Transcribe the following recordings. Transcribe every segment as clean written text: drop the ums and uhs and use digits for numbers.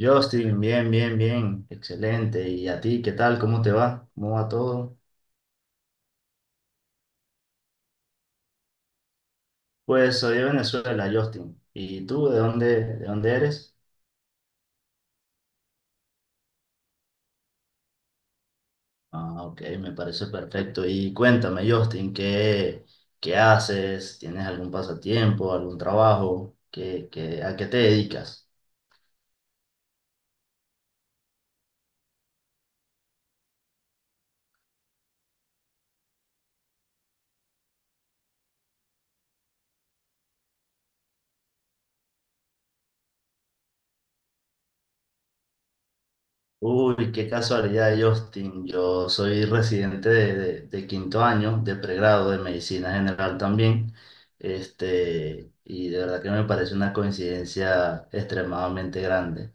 Justin, bien, bien, bien, excelente. ¿Y a ti qué tal? ¿Cómo te va? ¿Cómo va todo? Pues soy de Venezuela, Justin. ¿Y tú de dónde eres? Ah, ok, me parece perfecto. Y cuéntame, Justin, ¿qué haces? ¿Tienes algún pasatiempo, algún trabajo? ¿A qué te dedicas? Uy, qué casualidad, Justin. Yo soy residente de quinto año de pregrado de medicina general también. Y de verdad que me parece una coincidencia extremadamente grande.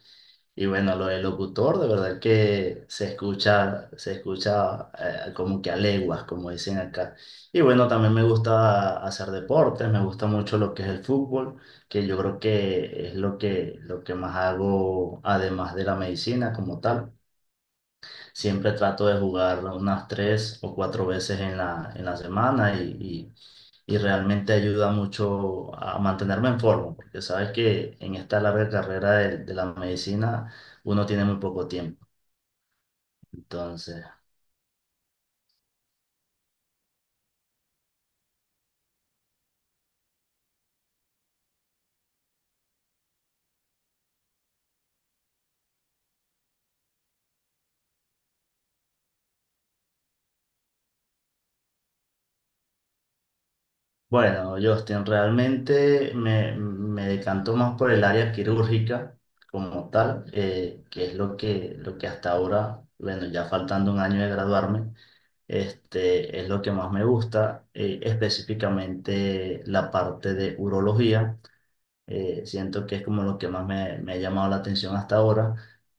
Y bueno, lo del locutor, de verdad que se escucha como que a leguas, como dicen acá. Y bueno, también me gusta hacer deportes, me gusta mucho lo que es el fútbol, que yo creo que es lo que, más hago además de la medicina como tal. Siempre trato de jugar unas 3 o 4 veces en la semana, y realmente ayuda mucho a mantenerme en forma, porque sabes que en esta larga carrera de la medicina uno tiene muy poco tiempo. Entonces, bueno, Justin, realmente me decanto más por el área quirúrgica como tal, que es lo que hasta ahora, bueno, ya faltando un año de graduarme. Es lo que más me gusta, específicamente la parte de urología. Siento que es como lo que más me ha llamado la atención hasta ahora,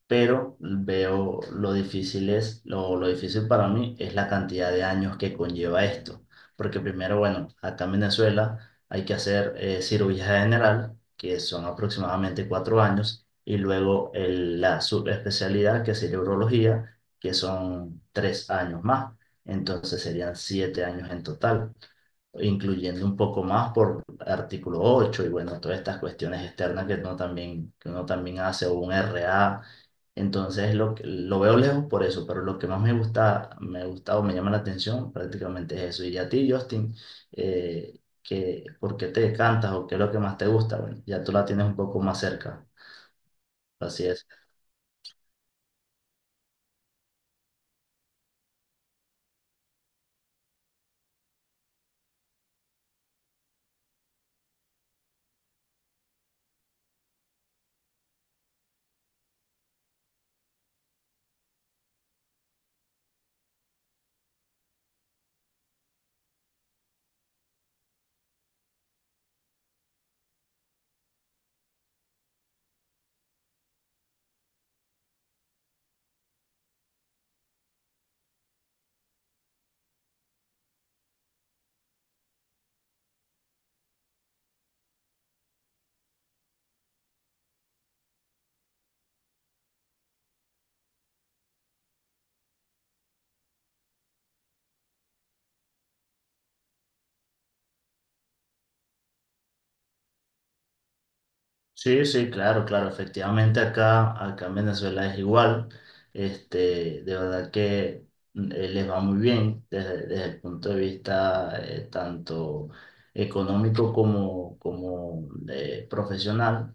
pero veo lo difícil es, lo difícil para mí es la cantidad de años que conlleva esto. Porque primero, bueno, acá en Venezuela hay que hacer cirugía general, que son aproximadamente 4 años, y luego la subespecialidad, que sería urología, que son 3 años más. Entonces serían 7 años en total, incluyendo un poco más por artículo 8 y bueno, todas estas cuestiones externas que uno también, hace o un RA. Entonces lo veo lejos por eso, pero lo que más me gusta o me llama la atención prácticamente es eso. Y a ti, Justin, ¿por qué te cantas o qué es lo que más te gusta? Bueno, ya tú la tienes un poco más cerca, así es. Sí, sí, claro, claro, efectivamente acá en Venezuela es igual. De verdad que les va muy bien desde el punto de vista, tanto económico como profesional.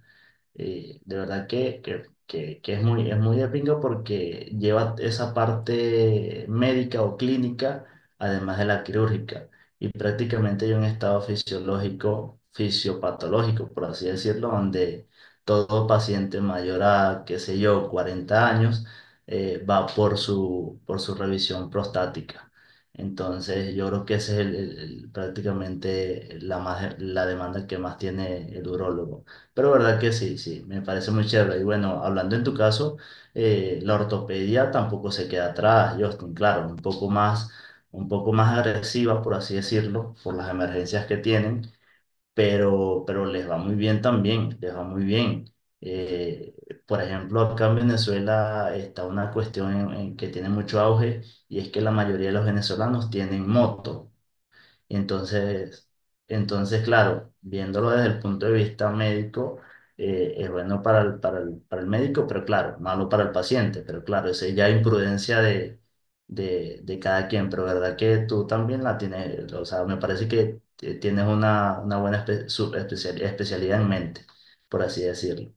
De verdad que es muy de pinga, porque lleva esa parte médica o clínica, además de la quirúrgica, y prácticamente hay un estado fisiológico, fisiopatológico, por así decirlo, donde todo paciente mayor a, qué sé yo, 40 años, va por su revisión prostática. Entonces, yo creo que esa es prácticamente la demanda que más tiene el urólogo. Pero verdad que sí, sí, me parece muy chévere. Y bueno, hablando en tu caso, la ortopedia tampoco se queda atrás, Justin, claro, un poco más agresiva, por así decirlo, por las emergencias que tienen, pero les va muy bien también, les va muy bien. Eh, por ejemplo, acá en Venezuela está una cuestión en que tiene mucho auge, y es que la mayoría de los venezolanos tienen moto. Y entonces, claro, viéndolo desde el punto de vista médico, es bueno para el médico, pero claro, malo para el paciente, pero claro, esa ya es imprudencia de cada quien, pero verdad que tú también la tienes. O sea, me parece que tienes una buena especialidad en mente, por así decirlo.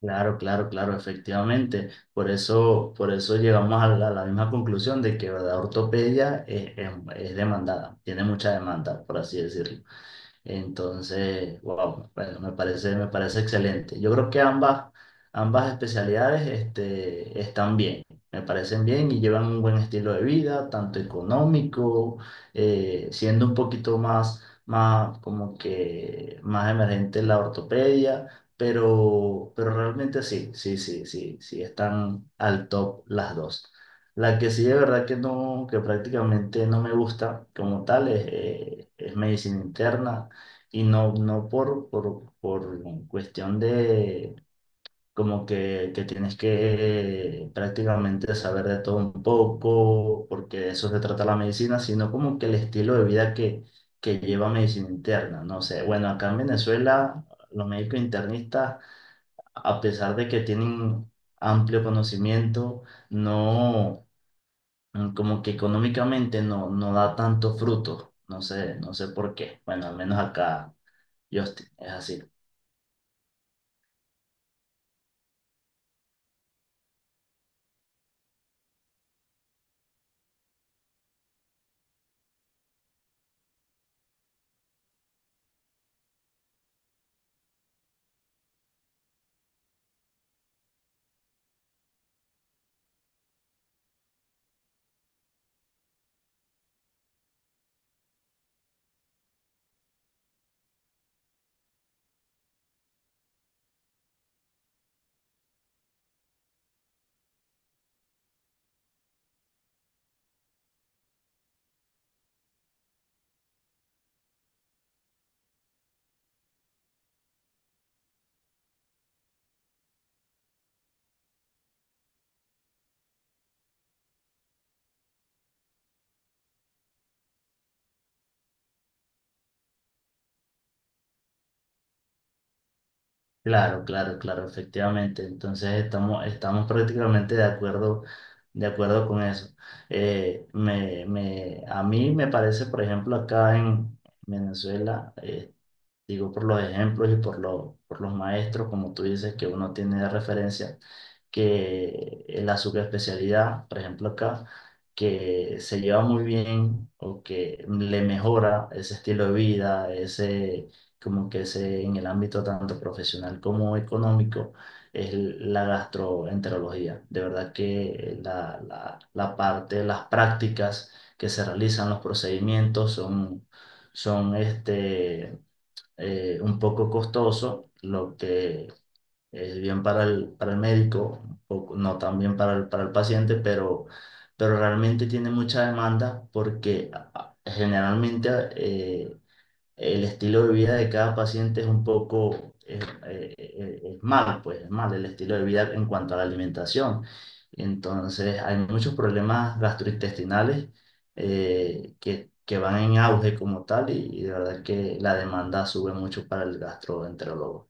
Claro, claro, claro, efectivamente. Por eso llegamos a la misma conclusión de que la ortopedia es demandada, tiene mucha demanda, por así decirlo. Entonces, wow, bueno, me parece excelente. Yo creo que ambas especialidades, están bien, me parecen bien y llevan un buen estilo de vida, tanto económico, siendo un poquito más como que más emergente la ortopedia, pero realmente sí, sí, sí, sí, sí, están al top las dos. La que sí de verdad que no, que prácticamente no me gusta como tal es medicina interna. Y no, no por cuestión de como que tienes que prácticamente saber de todo un poco, porque de eso se trata la medicina, sino como que el estilo de vida que lleva medicina interna. No sé, bueno, acá en Venezuela los médicos internistas, a pesar de que tienen amplio conocimiento, no, como que económicamente no, no da tanto fruto. No sé, no sé por qué. Bueno, al menos acá, Justin, es así. Claro, claro, claro, efectivamente. Entonces estamos prácticamente de acuerdo con eso. A mí me parece, por ejemplo, acá en Venezuela, digo, por los ejemplos y por los maestros, como tú dices, que uno tiene de referencia, que en la subespecialidad, por ejemplo acá, que se lleva muy bien, o que le mejora ese estilo de vida, ese, como que ese, en el ámbito tanto profesional como económico, es la gastroenterología. De verdad que la parte, las prácticas que se realizan, los procedimientos son un poco costoso, lo que es bien para el médico, no tan bien para el paciente, pero realmente tiene mucha demanda porque generalmente eh, el estilo de vida de cada paciente es un poco, es mal, pues es mal el estilo de vida en cuanto a la alimentación. Entonces, hay muchos problemas gastrointestinales, que van en auge como tal, y de verdad que la demanda sube mucho para el gastroenterólogo.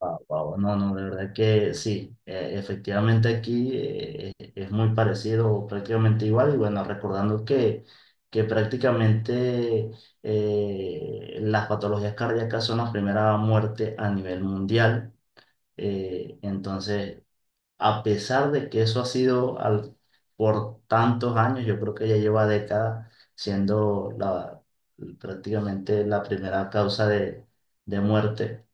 Wow, wow. No, no, de verdad que sí. Efectivamente aquí es muy parecido, o prácticamente igual, y bueno, recordando que, prácticamente las patologías cardíacas son la primera muerte a nivel mundial. Entonces, a pesar de que eso ha sido por tantos años, yo creo que ya lleva décadas siendo prácticamente la primera causa de muerte,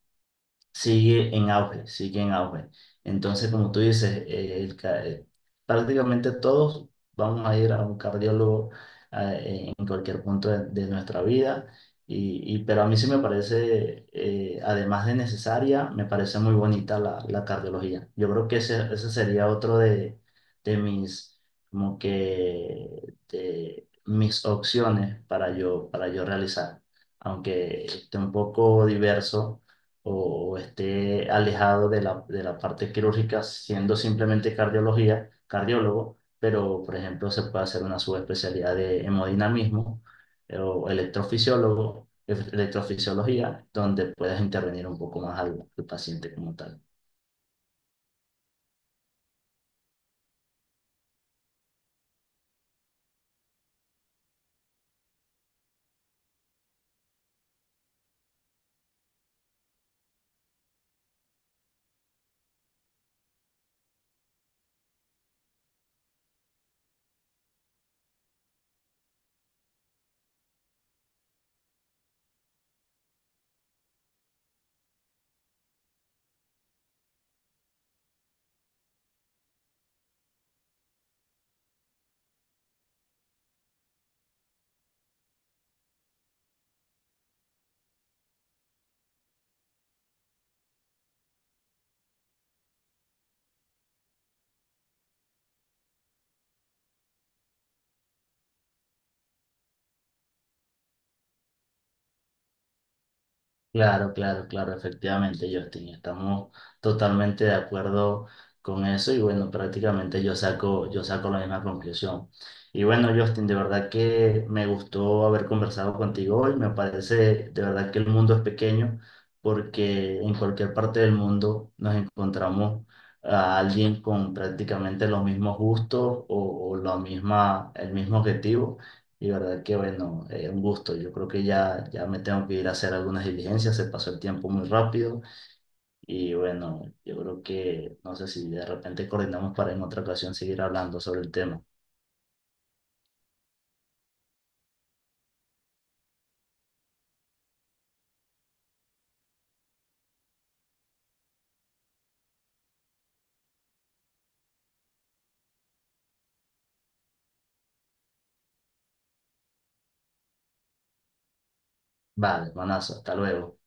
sigue en auge, sigue en auge. Entonces, como tú dices, prácticamente todos vamos a ir a un cardiólogo en cualquier punto de nuestra vida, pero a mí sí me parece, además de necesaria, me parece muy bonita la cardiología. Yo creo que ese sería otro de mis, de mis opciones para yo realizar, aunque esté un poco diverso, o esté alejado de la parte quirúrgica, siendo simplemente cardiología, cardiólogo, pero por ejemplo se puede hacer una subespecialidad de hemodinamismo, o electrofisiología, donde puedas intervenir un poco más al paciente como tal. Claro, claro, claro, efectivamente, Justin, estamos totalmente de acuerdo con eso, y bueno, prácticamente yo saco la misma conclusión. Y bueno, Justin, de verdad que me gustó haber conversado contigo hoy. Me parece de verdad que el mundo es pequeño, porque en cualquier parte del mundo nos encontramos a alguien con prácticamente los mismos gustos, o el mismo objetivo. Y verdad que bueno, un gusto. Yo creo que ya me tengo que ir a hacer algunas diligencias, se pasó el tiempo muy rápido, y bueno, yo creo que no sé si de repente coordinamos para en otra ocasión seguir hablando sobre el tema. Vale, manazo, hasta luego.